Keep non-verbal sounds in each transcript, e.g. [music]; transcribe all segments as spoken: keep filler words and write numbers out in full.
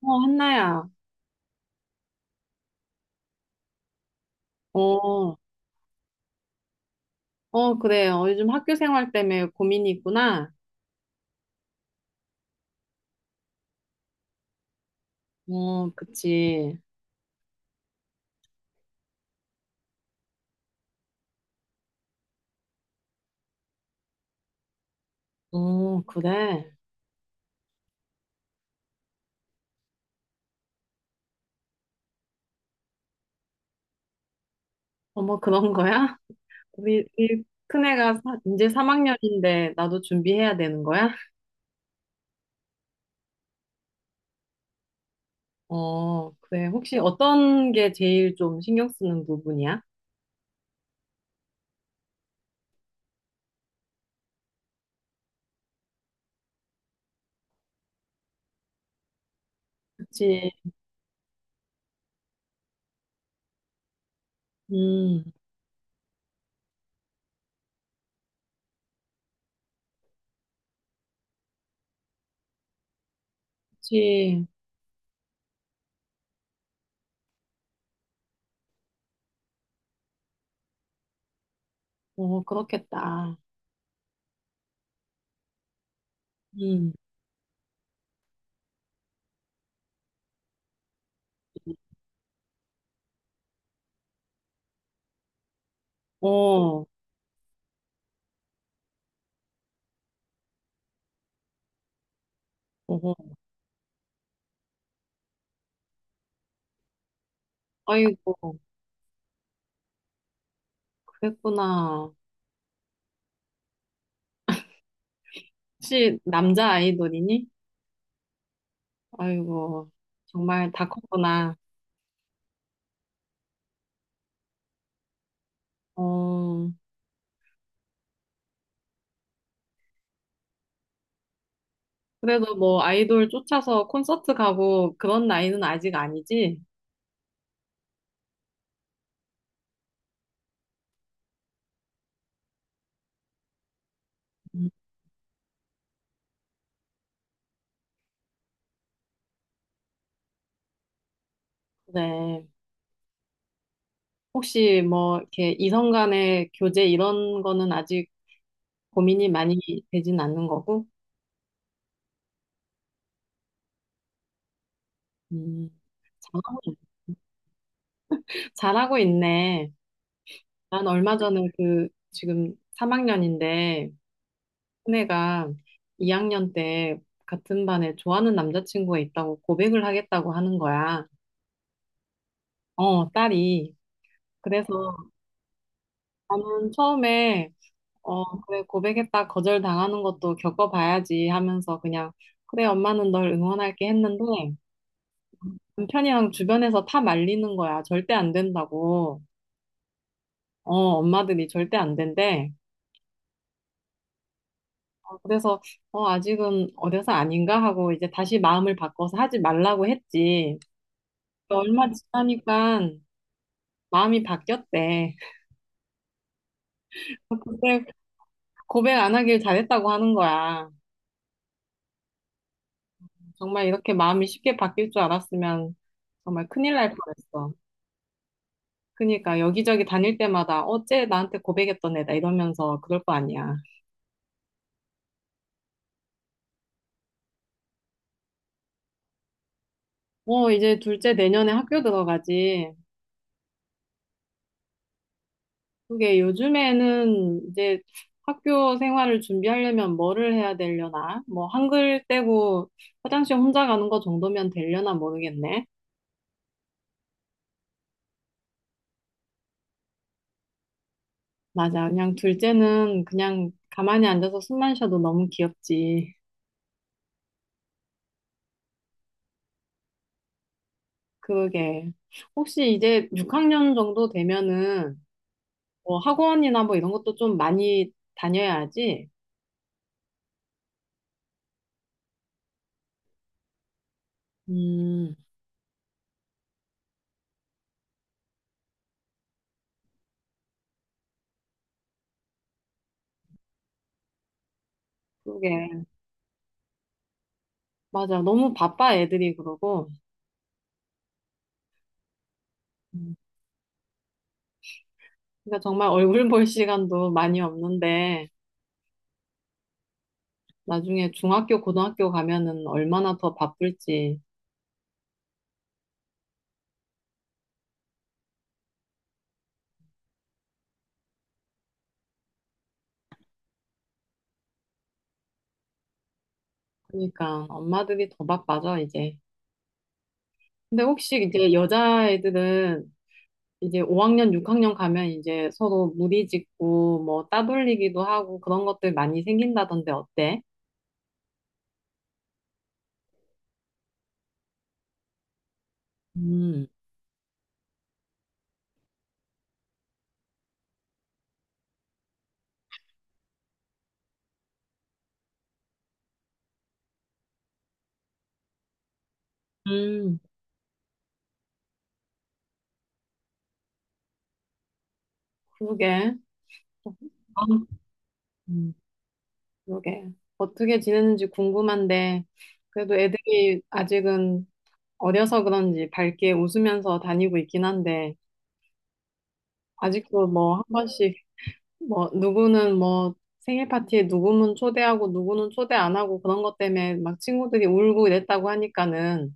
어, 한나야. 어, 어, 그래. 어, 요즘 학교 생활 때문에 고민이 있구나. 어, 그치. 어, 그래. 어, 머 그런 거야? 우리, 우리 큰애가 사- 이제 삼 학년인데 나도 준비해야 되는 거야? 어, 그래. 혹시 어떤 게 제일 좀 신경 쓰는 부분이야? 그치. 음, 그치. 어, 그렇겠다. 음, 어, 어, 아이고, 그랬구나. 혹시 남자 아이돌이니? 아이고, 정말 다 컸구나. 어, 그래도 뭐 아이돌 쫓아서 콘서트 가고 그런 나이는 아직 아니지? 음, 그래. 혹시 뭐 이렇게 이성 간의 교제 이런 거는 아직 고민이 많이 되진 않는 거고? 음, 잘하고, 잘하고 있네. 난 얼마 전에 그 지금 삼 학년인데 큰애가 이 학년 때 같은 반에 좋아하는 남자친구가 있다고 고백을 하겠다고 하는 거야. 어, 딸이. 그래서 나는 처음에 어 그래 고백했다 거절당하는 것도 겪어봐야지 하면서 그냥 그래 엄마는 널 응원할게 했는데 남편이랑 주변에서 다 말리는 거야 절대 안 된다고. 어 엄마들이 절대 안 된대. 어, 그래서 어 아직은 어려서 아닌가 하고 이제 다시 마음을 바꿔서 하지 말라고 했지. 얼마 지나니까 마음이 바뀌었대. [laughs] 그때 고백 안 하길 잘했다고 하는 거야. 정말 이렇게 마음이 쉽게 바뀔 줄 알았으면 정말 큰일 날 뻔했어. 그러니까 여기저기 다닐 때마다 어째 나한테 고백했던 애다 이러면서 그럴 거 아니야. 어, 이제 둘째 내년에 학교 들어가지. 그게 요즘에는 이제 학교 생활을 준비하려면 뭐를 해야 되려나? 뭐 한글 떼고 화장실 혼자 가는 거 정도면 되려나 모르겠네. 맞아. 그냥 둘째는 그냥 가만히 앉아서 숨만 쉬어도 너무 귀엽지. 그게. 혹시 이제 육 학년 정도 되면은 뭐 학원이나 뭐 이런 것도 좀 많이 다녀야지. 음, 그게. 맞아. 너무 바빠 애들이 그러고. 음, 그러니까 정말 얼굴 [laughs] 볼 시간도 많이 없는데 나중에 중학교, 고등학교 가면은 얼마나 더 바쁠지. 그러니까 엄마들이 더 바빠져, 이제. 근데 혹시 이제 여자애들은 이제 오 학년, 육 학년 가면 이제 서로 무리 짓고 뭐 따돌리기도 하고 그런 것들 많이 생긴다던데 어때? 음, 음, 그러게. 음, 그러게. 어떻게 지내는지 궁금한데, 그래도 애들이 아직은 어려서 그런지 밝게 웃으면서 다니고 있긴 한데, 아직도 뭐 한 번씩, 뭐, 누구는 뭐 생일 파티에 누구는 초대하고 누구는 초대 안 하고 그런 것 때문에 막 친구들이 울고 이랬다고 하니까는,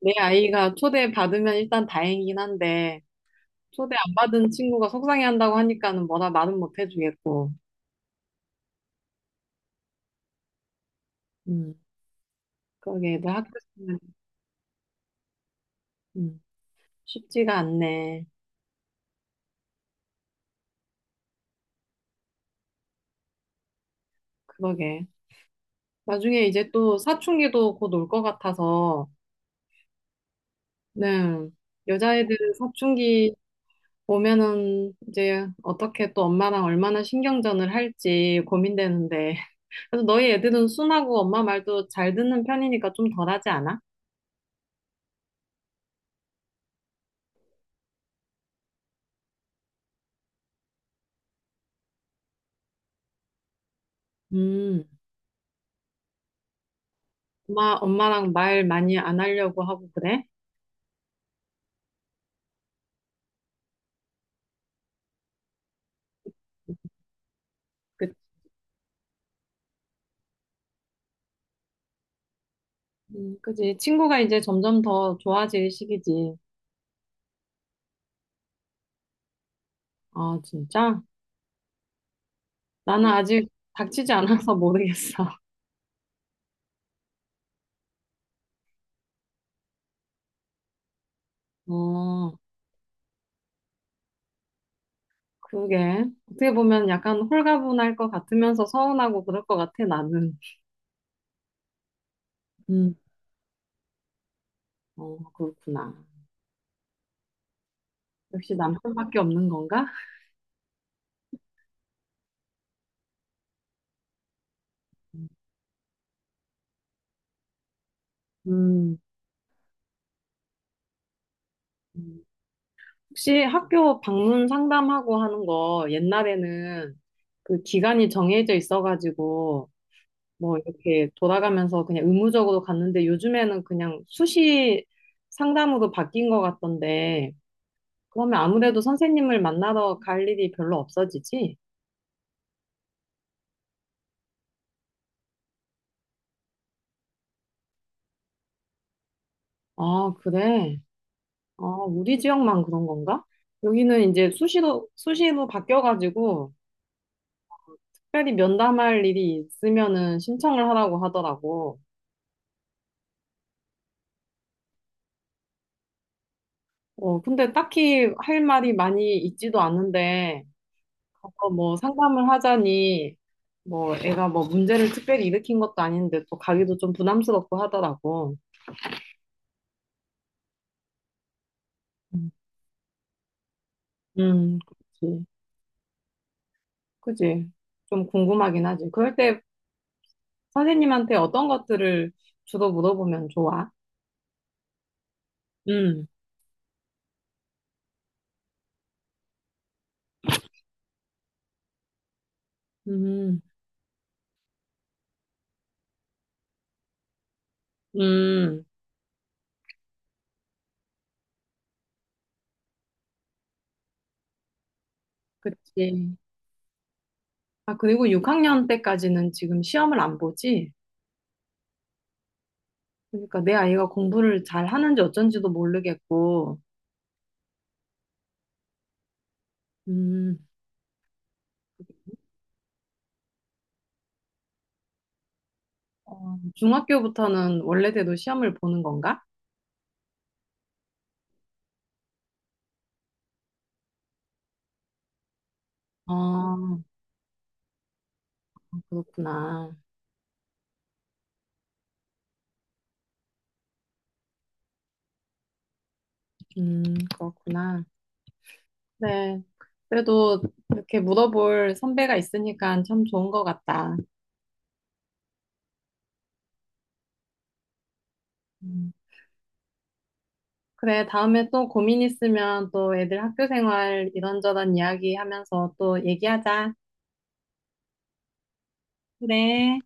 내 아이가 초대 받으면 일단 다행이긴 한데, 초대 안 받은 친구가 속상해한다고 하니까는 뭐라 말은 못 해주겠고. 음, 그러게, 애들 학교 생활, 음, 쉽지가 않네. 그러게. 나중에 이제 또 사춘기도 곧 올 것 같아서, 네. 여자애들은 사춘기 오면은 이제 어떻게 또 엄마랑 얼마나 신경전을 할지 고민되는데. [laughs] 그래서 너희 애들은 순하고 엄마 말도 잘 듣는 편이니까 좀 덜하지 않아? 음. 엄마, 엄마랑 말 많이 안 하려고 하고 그래? 그, 음, 그지. 친구가 이제 점점 더 좋아질 시기지. 아, 진짜? 나는 음. 아직 닥치지 않아서 모르겠어. 어, 그러게. 어떻게 보면 약간 홀가분할 것 같으면서 서운하고 그럴 것 같아, 나는. 음, 어, 그렇구나. 역시 남편밖에 없는 건가? 음. 음. 혹시 학교 방문 상담하고 하는 거 옛날에는 그 기간이 정해져 있어가지고 뭐 이렇게 돌아가면서 그냥 의무적으로 갔는데 요즘에는 그냥 수시 상담으로 바뀐 것 같던데 그러면 아무래도 선생님을 만나러 갈 일이 별로 없어지지? 아, 그래. 아, 우리 지역만 그런 건가? 여기는 이제 수시로 수시로 바뀌어가지고 특별히 면담할 일이 있으면은 신청을 하라고 하더라고. 어, 근데 딱히 할 말이 많이 있지도 않은데 어, 뭐 상담을 하자니 뭐 애가 뭐 문제를 특별히 일으킨 것도 아닌데 또 가기도 좀 부담스럽고 하더라고. 음. 음, 그치. 그치. 좀 궁금하긴 하지. 그럴 때 선생님한테 어떤 것들을 주로 물어보면 좋아? 음, 음, 음, 그치. 아, 그리고 육 학년 때까지는 지금 시험을 안 보지? 그러니까 내 아이가 공부를 잘 하는지 어쩐지도 모르겠고, 음, 어, 중학교부터는 원래대로 시험을 보는 건가? 아, 그렇구나. 음, 그렇구나. 네. 그래도 이렇게 물어볼 선배가 있으니까 참 좋은 것 같다. 음, 그래, 다음에 또 고민 있으면 또 애들 학교 생활 이런저런 이야기 하면서 또 얘기하자. 그래.